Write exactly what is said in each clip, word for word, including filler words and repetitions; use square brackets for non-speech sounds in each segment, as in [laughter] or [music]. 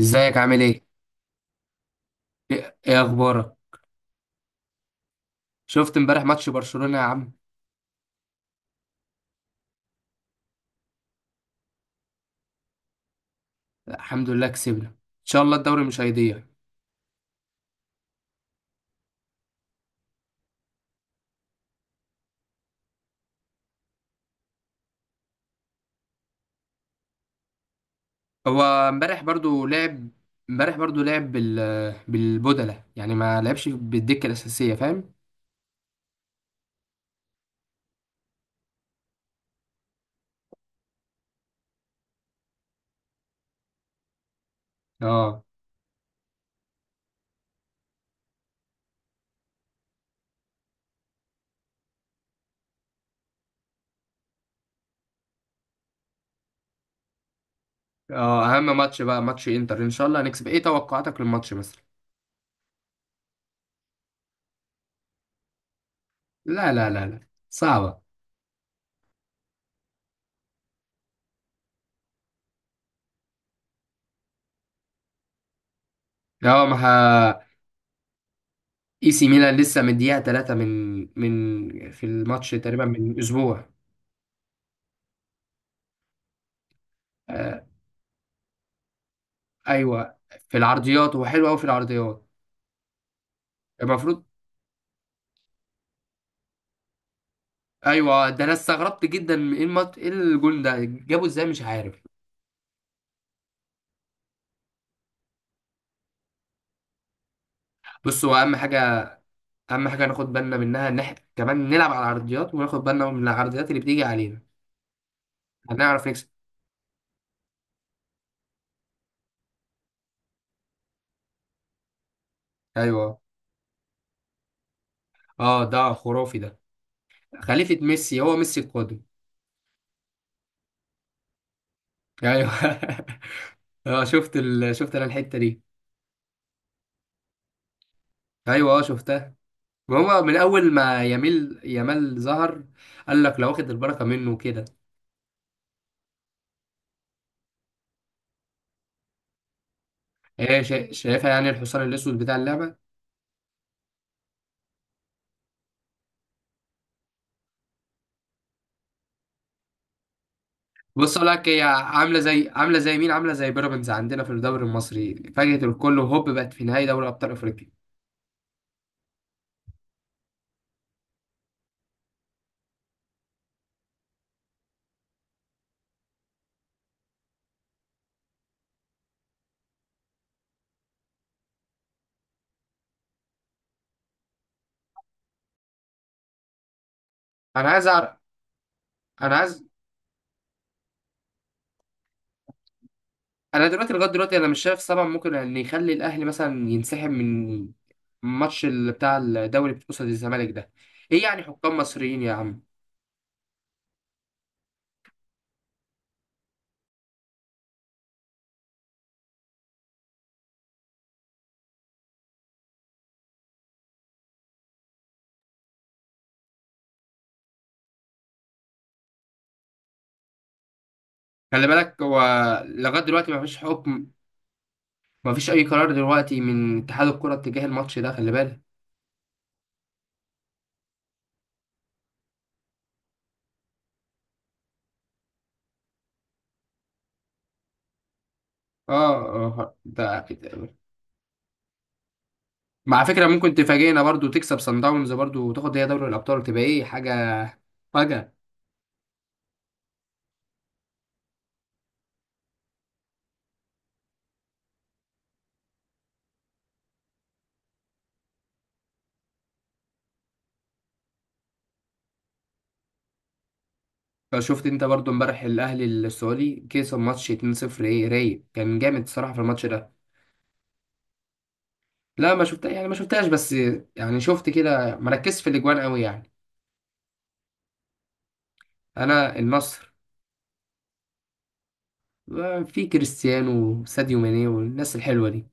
ازيك عامل ايه؟ ايه ايه اخبارك؟ شفت امبارح ماتش برشلونة يا عم؟ الحمد لله كسبنا ان شاء الله الدوري مش هيضيع. هو امبارح برضو لعب امبارح برضو لعب بال بالبدلة يعني ما لعبش بالدكة الأساسية فاهم؟ اه اه اهم ماتش بقى ماتش انتر ان شاء الله هنكسب، ايه توقعاتك للماتش مثلا؟ لا لا لا لا صعبة. اه ما ها... اي سي ميلان لسه من دقيقة تلاتة من من في الماتش تقريبا من اسبوع. آه، ايوه، في العرضيات هو حلو قوي في العرضيات. المفروض. ايوه ده انا استغربت جدا من ايه المط... ايه الجون ده جابه ازاي مش عارف. بص هو اهم حاجه، اهم حاجه ناخد بالنا منها ان احنا كمان نلعب على العرضيات وناخد بالنا من العرضيات اللي بتيجي علينا هنعرف نكسب. ايوه، اه ده خرافي ده، خليفه ميسي، هو ميسي القادم. ايوه. [laughs] اه شفت ال... شفت انا الحته دي. ايوه اه شفتها. وهو من اول ما يميل يمال ظهر، قال لك لو واخد البركه منه وكده. ايه شا... شايفها يعني الحصان الاسود بتاع اللعبه. بص اقول لك هي عامله زي، عامله زي مين، عامله زي بيراميدز عندنا في الدوري المصري، فاجئت الكل وهوب بقت في نهائي دوري ابطال افريقيا. انا عايز أعرف، انا عايز، انا دلوقتي لغايه دلوقتي انا مش شايف سبب ممكن ان يخلي الاهلي مثلا ينسحب من ماتش ال- بتاع الدوري قصاد الزمالك ده. ايه يعني حكام مصريين يا عم. خلي بالك هو لغايه دلوقتي ما فيش حكم، ما فيش اي قرار دلوقتي من اتحاد الكره اتجاه الماتش ده، خلي بالك. اه، آه، ده مع فكره، ممكن تفاجئنا برضو تكسب سان داونز برضو وتاخد هي دوري الابطال، تبقى ايه حاجه فجأة. فشفت انت برضو امبارح الاهلي السعودي كسب ماتش اتنين صفر، ايه رايق كان جامد الصراحه في الماتش ده. لا ما شفتها يعني ما شفتهاش بس يعني شفت كده مركز في الاجوان قوي يعني. انا النصر. آه، في كريستيانو وساديو ماني والناس الحلوه دي.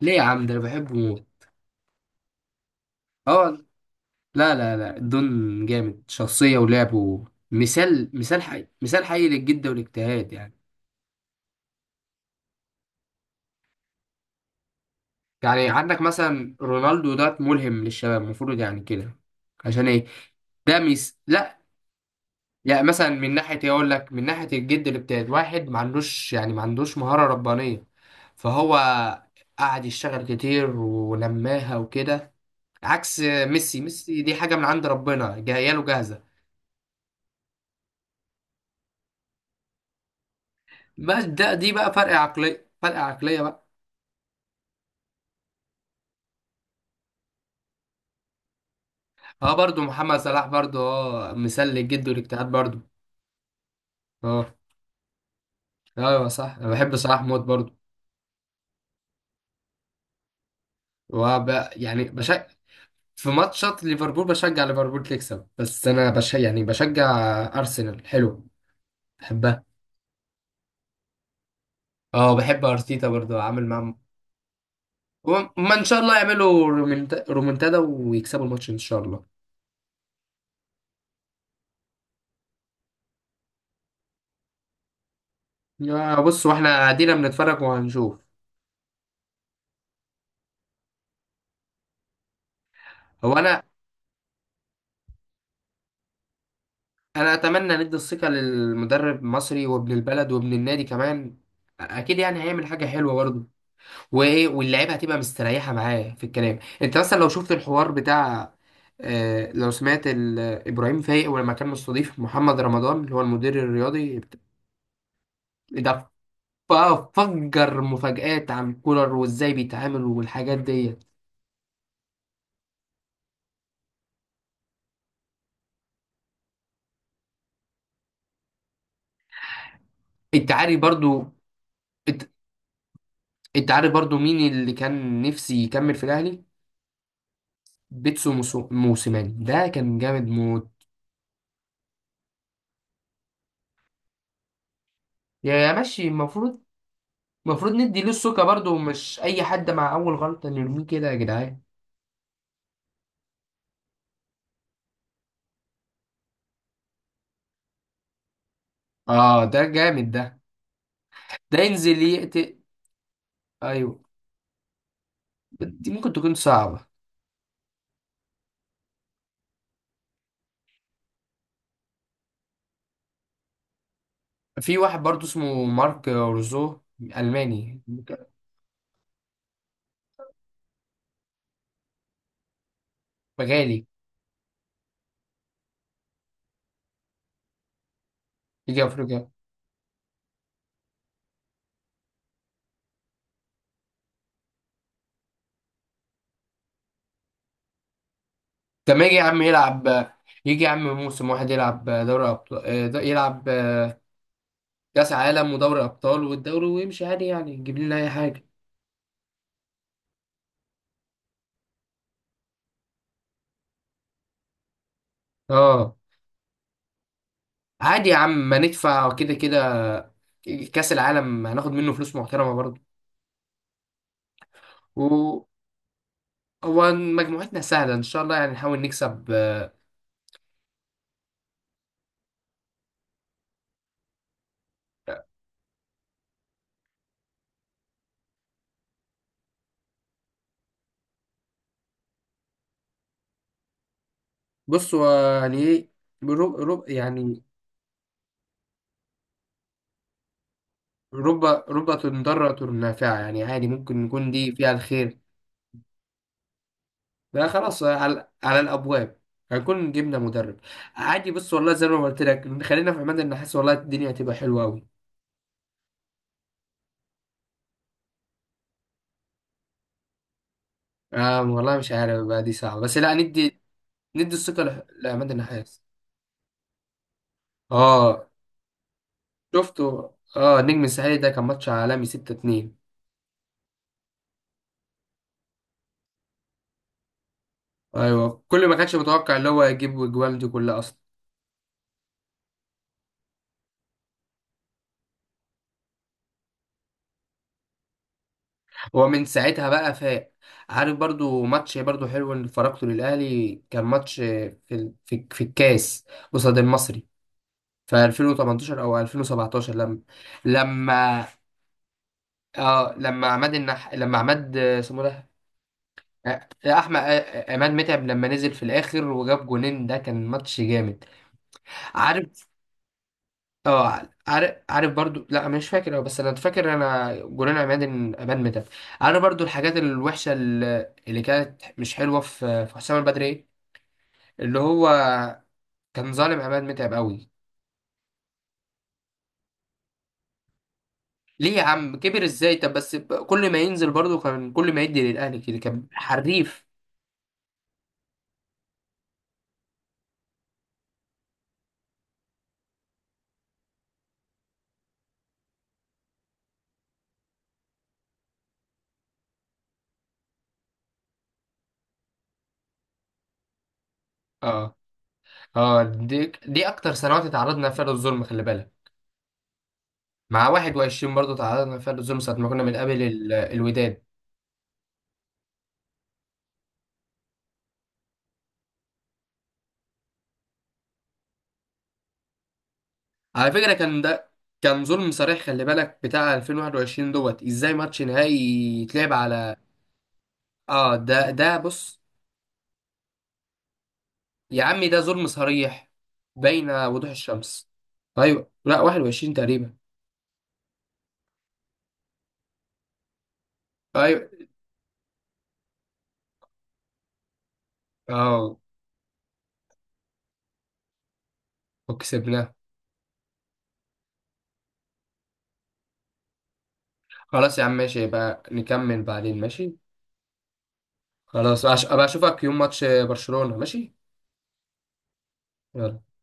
ليه يا عم ده انا بحبه موت. اه، لا لا لا الدون جامد شخصيه ولعبه، مثال، مثال حي، مثال حي للجد والاجتهاد يعني. يعني عندك مثلا رونالدو ده ملهم للشباب المفروض يعني كده. عشان ايه. ده ميس لا. يعني مثلا من ناحيه إيه اقول لك، من ناحيه الجد اللي بتاعت واحد ما عندوش يعني ما عندوش مهاره ربانيه، فهو قعد يشتغل كتير ولماها وكده، عكس ميسي. ميسي دي حاجه من عند ربنا جايه له جاهزه. بس ده دي بقى فرق عقليه، فرق عقليه بقى. اه برضو محمد صلاح برضو اه مثال للجد والاجتهاد برضو. اه. ايوه صح انا بحب صلاح موت برضو. وب... يعني بشجع، في ماتشات ليفربول بشجع ليفربول تكسب، بس انا بش... يعني بشجع ارسنال، حلو، بحبها. اه بحب ارتيتا برضو عامل معاهم. وما ان شاء الله يعملوا رومنت... رومنتادا ويكسبوا الماتش ان شاء الله. يا بص، واحنا قاعدين بنتفرج وهنشوف. هو انا، انا اتمنى ندي الثقة للمدرب المصري وابن البلد وابن النادي كمان، اكيد يعني هيعمل حاجة حلوة برضو. وايه واللعيبه هتبقى مستريحه معاه في الكلام. انت مثلا لو شفت الحوار بتاع، آه، لو سمعت ال- ابراهيم فايق ولما كان مستضيف محمد رمضان اللي هو المدير الرياضي بت- ده، ف- فجر مفاجآت عن كولر وازاي بيتعامل والحاجات دي. انت عارف برضو، انت انت عارف برضو مين اللي كان نفسي يكمل في الاهلي. بيتسو موسو- موسيماني ده كان جامد موت. يا يا ماشي، المفروض، المفروض ندي له السكه برضو، مش اي حد مع اول غلطه نرميه كده يا جدعان. اه ده جامد ده، ده ينزل يقتل. ايوه، دي ممكن تكون صعبة. في واحد برضو اسمه مارك روزو، ألماني، غالي، يجي أفريقيا. طب ما يجي يا عم يلعب، يجي يا عم موسم واحد يلعب دوري أبطال، يلعب كأس عالم ودوري أبطال والدوري ويمشي عادي يعني يجيب لنا أي حاجة. اه. عادي يا عم ما ندفع كده كده، كأس العالم هناخد منه فلوس محترمة برضو. و هو مجموعتنا سهلة إن شاء الله يعني نحاول نكسب. بص هو يعني ايه، رب رب يعني، رب ربة ضارة نافعة يعني، عادي ممكن نكون دي فيها الخير. ده خلاص على, على الأبواب، هنكون جبنا مدرب. عادي بص والله زي ما قلت لك، خلينا في عماد النحاس والله الدنيا هتبقى حلوة أوي. آه والله مش عارف بقى، دي صعبة، بس لا ندي، ندي الثقة لح- لعماد النحاس. اه شفته. اه نجم الساحلي ده كان ماتش عالمي ستة اثنين. ايوه، كل ما كانش متوقع اللي هو يجيب الاجوال دي كلها اصلا. هو من ساعتها بقى فاق. عارف برضو ماتش برضو حلو اللي فرجته للأهلي، كان ماتش في ال- في, في الكاس قصاد المصري في ألفين وتمنتاشر او ألفين وسبعتاشر، لما لما اه لما عماد النح لما عماد آه، اسمه ده، آه، آه، احمد، آه، آه، عماد متعب لما نزل في الاخر وجاب جونين، ده كان ماتش جامد. عارف، اه عارف عارف برضو، لا مش فاكر أوي، بس انا فاكر انا جولان عماد ان امان متعب. عارف برضو الحاجات الوحشه اللي اللي كانت مش حلوه في في حسام البدري إيه؟ اللي هو كان ظالم عماد متعب قوي. ليه يا عم كبر ازاي، طب بس ب- كل ما ينزل برضو كان كل ما يدي للاهلي كده كان حريف. اه، اه دي دي اكتر سنوات اتعرضنا فيها للظلم خلي بالك، مع واحد وعشرين برضو تعرضنا فيها للظلم ساعه ما كنا بنقابل ال- الوداد. على فكرة كان ده كان ظلم صريح خلي بالك، بتاع ألفين وواحد وعشرين دوت ازاي ماتش نهائي يتلعب على. اه ده ده بص، يا عمي ده ظلم صريح بين وضوح الشمس. ايوه لا واحد وعشرين تقريبا. ايوه اه وكسبناه. خلاص يا عم ماشي، يبقى نكمل بعدين ماشي. خلاص أش- ابقى اشوفك يوم ماتش برشلونة ماشي. يلا.